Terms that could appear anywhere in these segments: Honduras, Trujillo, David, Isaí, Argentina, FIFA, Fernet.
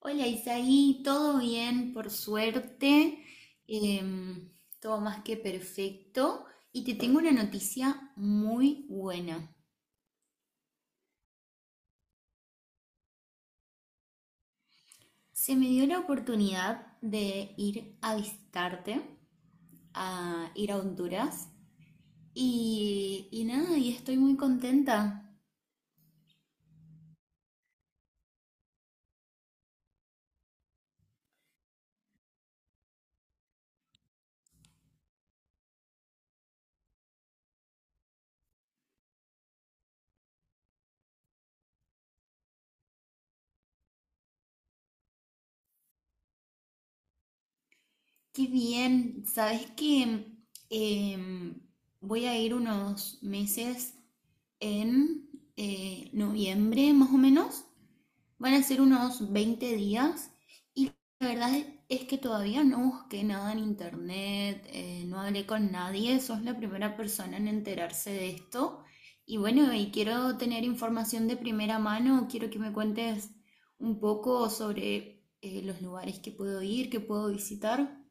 Hola Isaí, todo bien, por suerte. Em, Todo más que perfecto. Y te tengo una noticia muy buena. Se me dio la oportunidad de ir a visitarte, a ir a Honduras. Y nada, y estoy muy contenta. Qué bien. Sabes que em, voy a ir unos meses en noviembre más o menos. Van a ser unos 20 días. La verdad es que todavía no busqué nada en internet, no hablé con nadie, sos la primera persona en enterarse de esto. Y bueno, y quiero tener información de primera mano, quiero que me cuentes un poco sobre los lugares que puedo ir, que puedo visitar.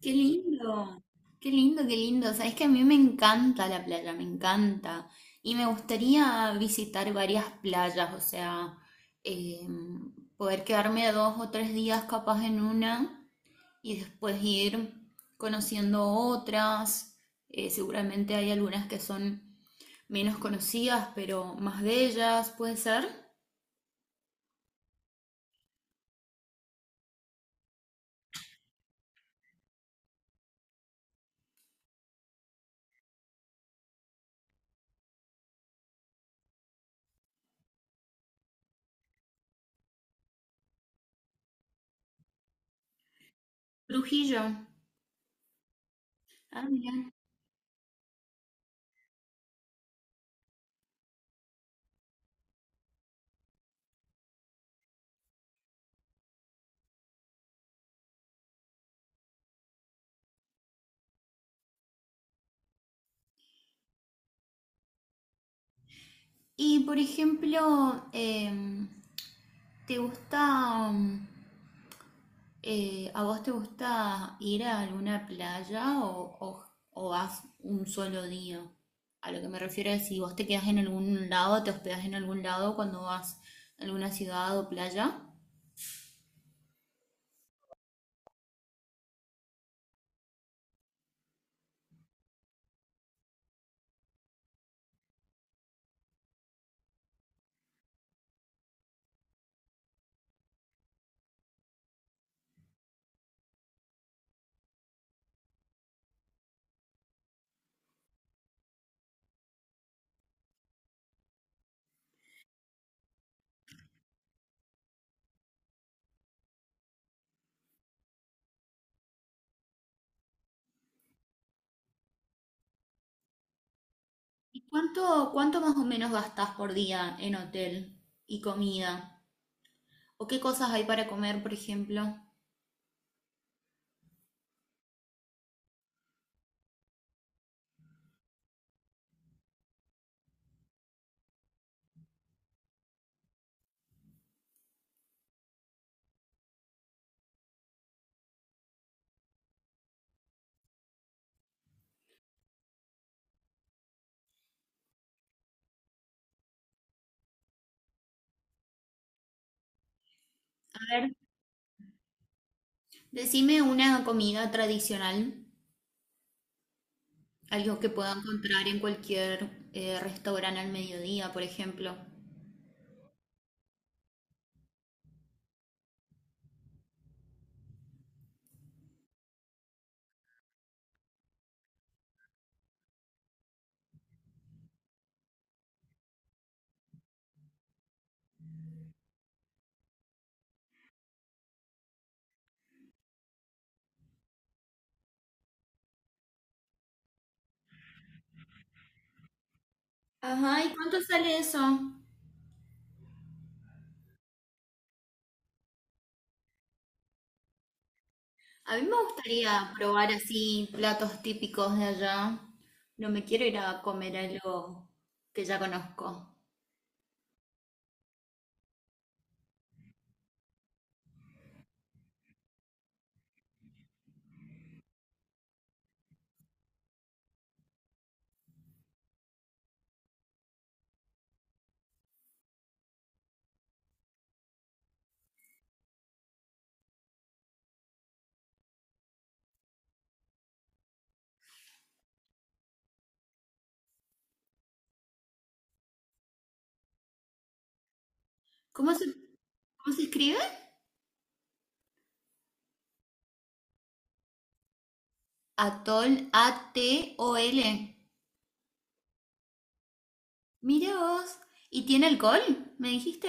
Qué lindo, qué lindo. Sabes que a mí me encanta la playa, me encanta. Y me gustaría visitar varias playas, o sea, eh, poder quedarme 2 o 3 días capaz en una y después ir conociendo otras. Seguramente hay algunas que son menos conocidas, pero más de ellas, puede ser. Trujillo. Ah, mira. Y por ejemplo, ¿te gusta? ¿A vos te gusta ir a alguna o vas un solo día? A lo que me refiero es si vos te quedás en algún lado, te hospedás en algún lado cuando vas a alguna ciudad o playa. ¿Y cuánto más o menos gastás por día en hotel y comida? ¿O qué cosas hay para comer, por ejemplo? A ver, decime una comida tradicional, algo que pueda encontrar en cualquier restaurante al mediodía, por ejemplo. Ajá, ¿y cuánto sale eso? A mí me gustaría probar así platos típicos de allá. No me quiero ir a comer algo que ya conozco. ¿Cómo se, ¿cómo se escribe? Atol, ATOL. Mira vos. ¿Y tiene alcohol? ¿Me dijiste?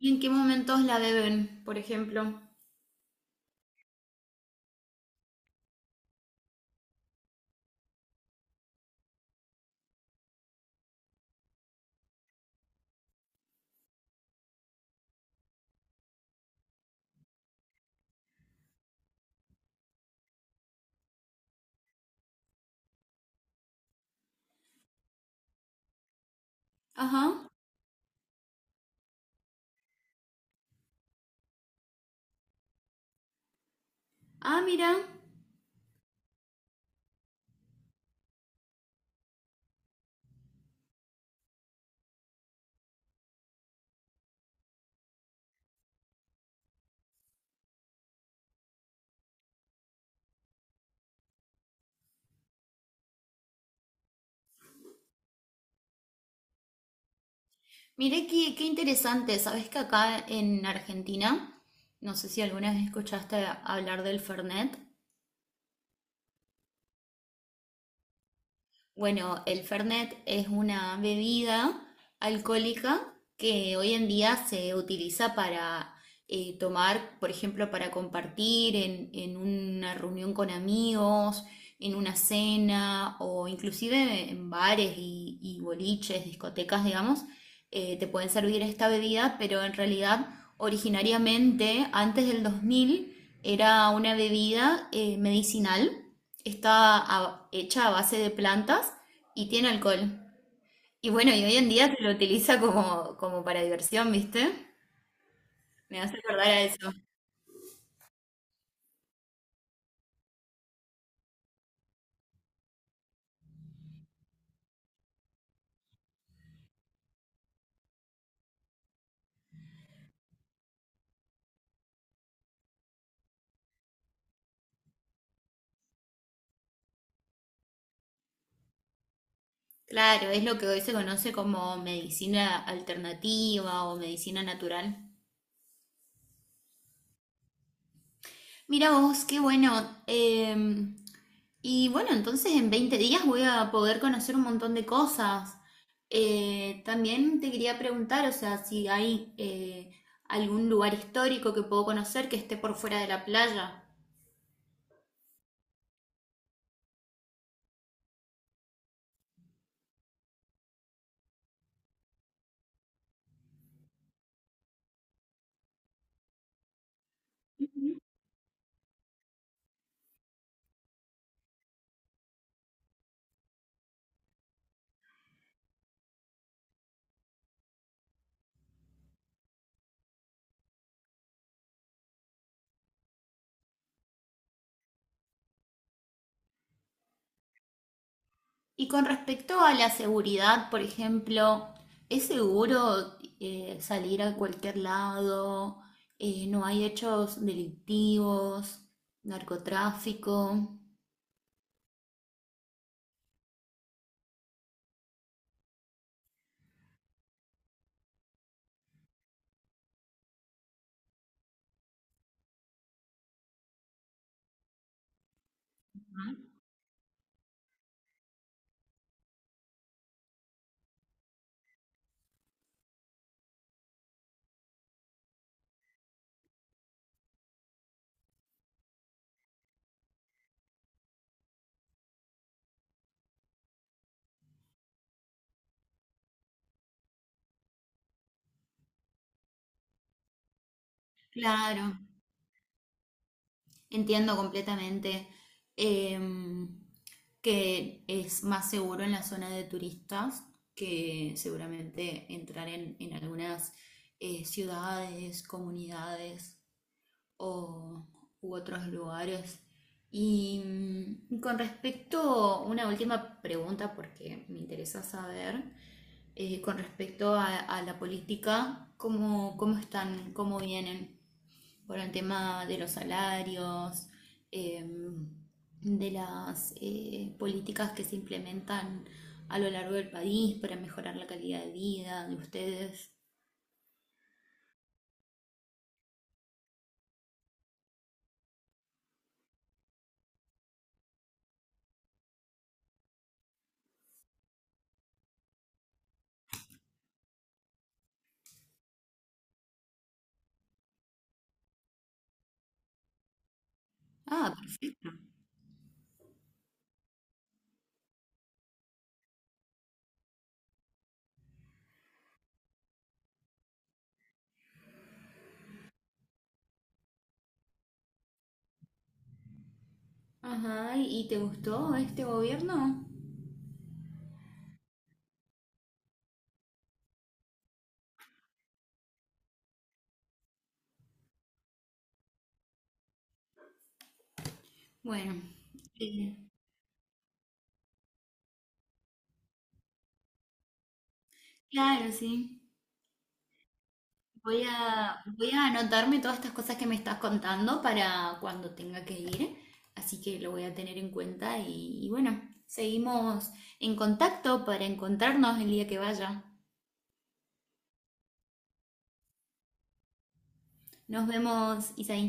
¿Y en qué momentos la beben, por ejemplo? Ajá. Ah, mira. Mira qué interesante. ¿Sabés que acá en Argentina, no sé si alguna vez escuchaste hablar del Fernet? Bueno, el Fernet es una bebida alcohólica que hoy en día se utiliza para tomar, por ejemplo, para compartir en una reunión con amigos, en una cena o inclusive en bares y boliches, discotecas, digamos, te pueden servir esta bebida, pero en realidad originariamente, antes del 2000, era una bebida medicinal. Está hecha a base de plantas y tiene alcohol. Y bueno, y hoy en día se lo utiliza como para diversión, ¿viste? Me hace acordar a eso. Claro, es lo que hoy se conoce como medicina alternativa o medicina natural. Mira vos, qué bueno. Y bueno, entonces en 20 días voy a poder conocer un montón de cosas. También te quería preguntar, o sea, si hay algún lugar histórico que puedo conocer que esté por fuera de la playa. Y con respecto a la seguridad, por ejemplo, ¿es seguro salir a cualquier lado? ¿No hay hechos delictivos, narcotráfico? Claro, entiendo completamente em, que es más seguro en la zona de turistas que seguramente entrar en algunas ciudades, comunidades. O, u otros lugares. Y con respecto, una última pregunta porque me interesa saber, con respecto a la política, cómo están, cómo vienen por el tema de los salarios, em, de las políticas que se implementan a lo largo del país para mejorar la calidad de vida de ustedes? Ah, perfecto. Ajá, ¿y te gustó este gobierno? Bueno, eh, claro, sí. Voy a anotarme todas estas cosas que me estás contando para cuando tenga que ir, así que lo voy a tener en cuenta y bueno, seguimos en contacto para encontrarnos el día que vaya. Nos vemos, Isaí.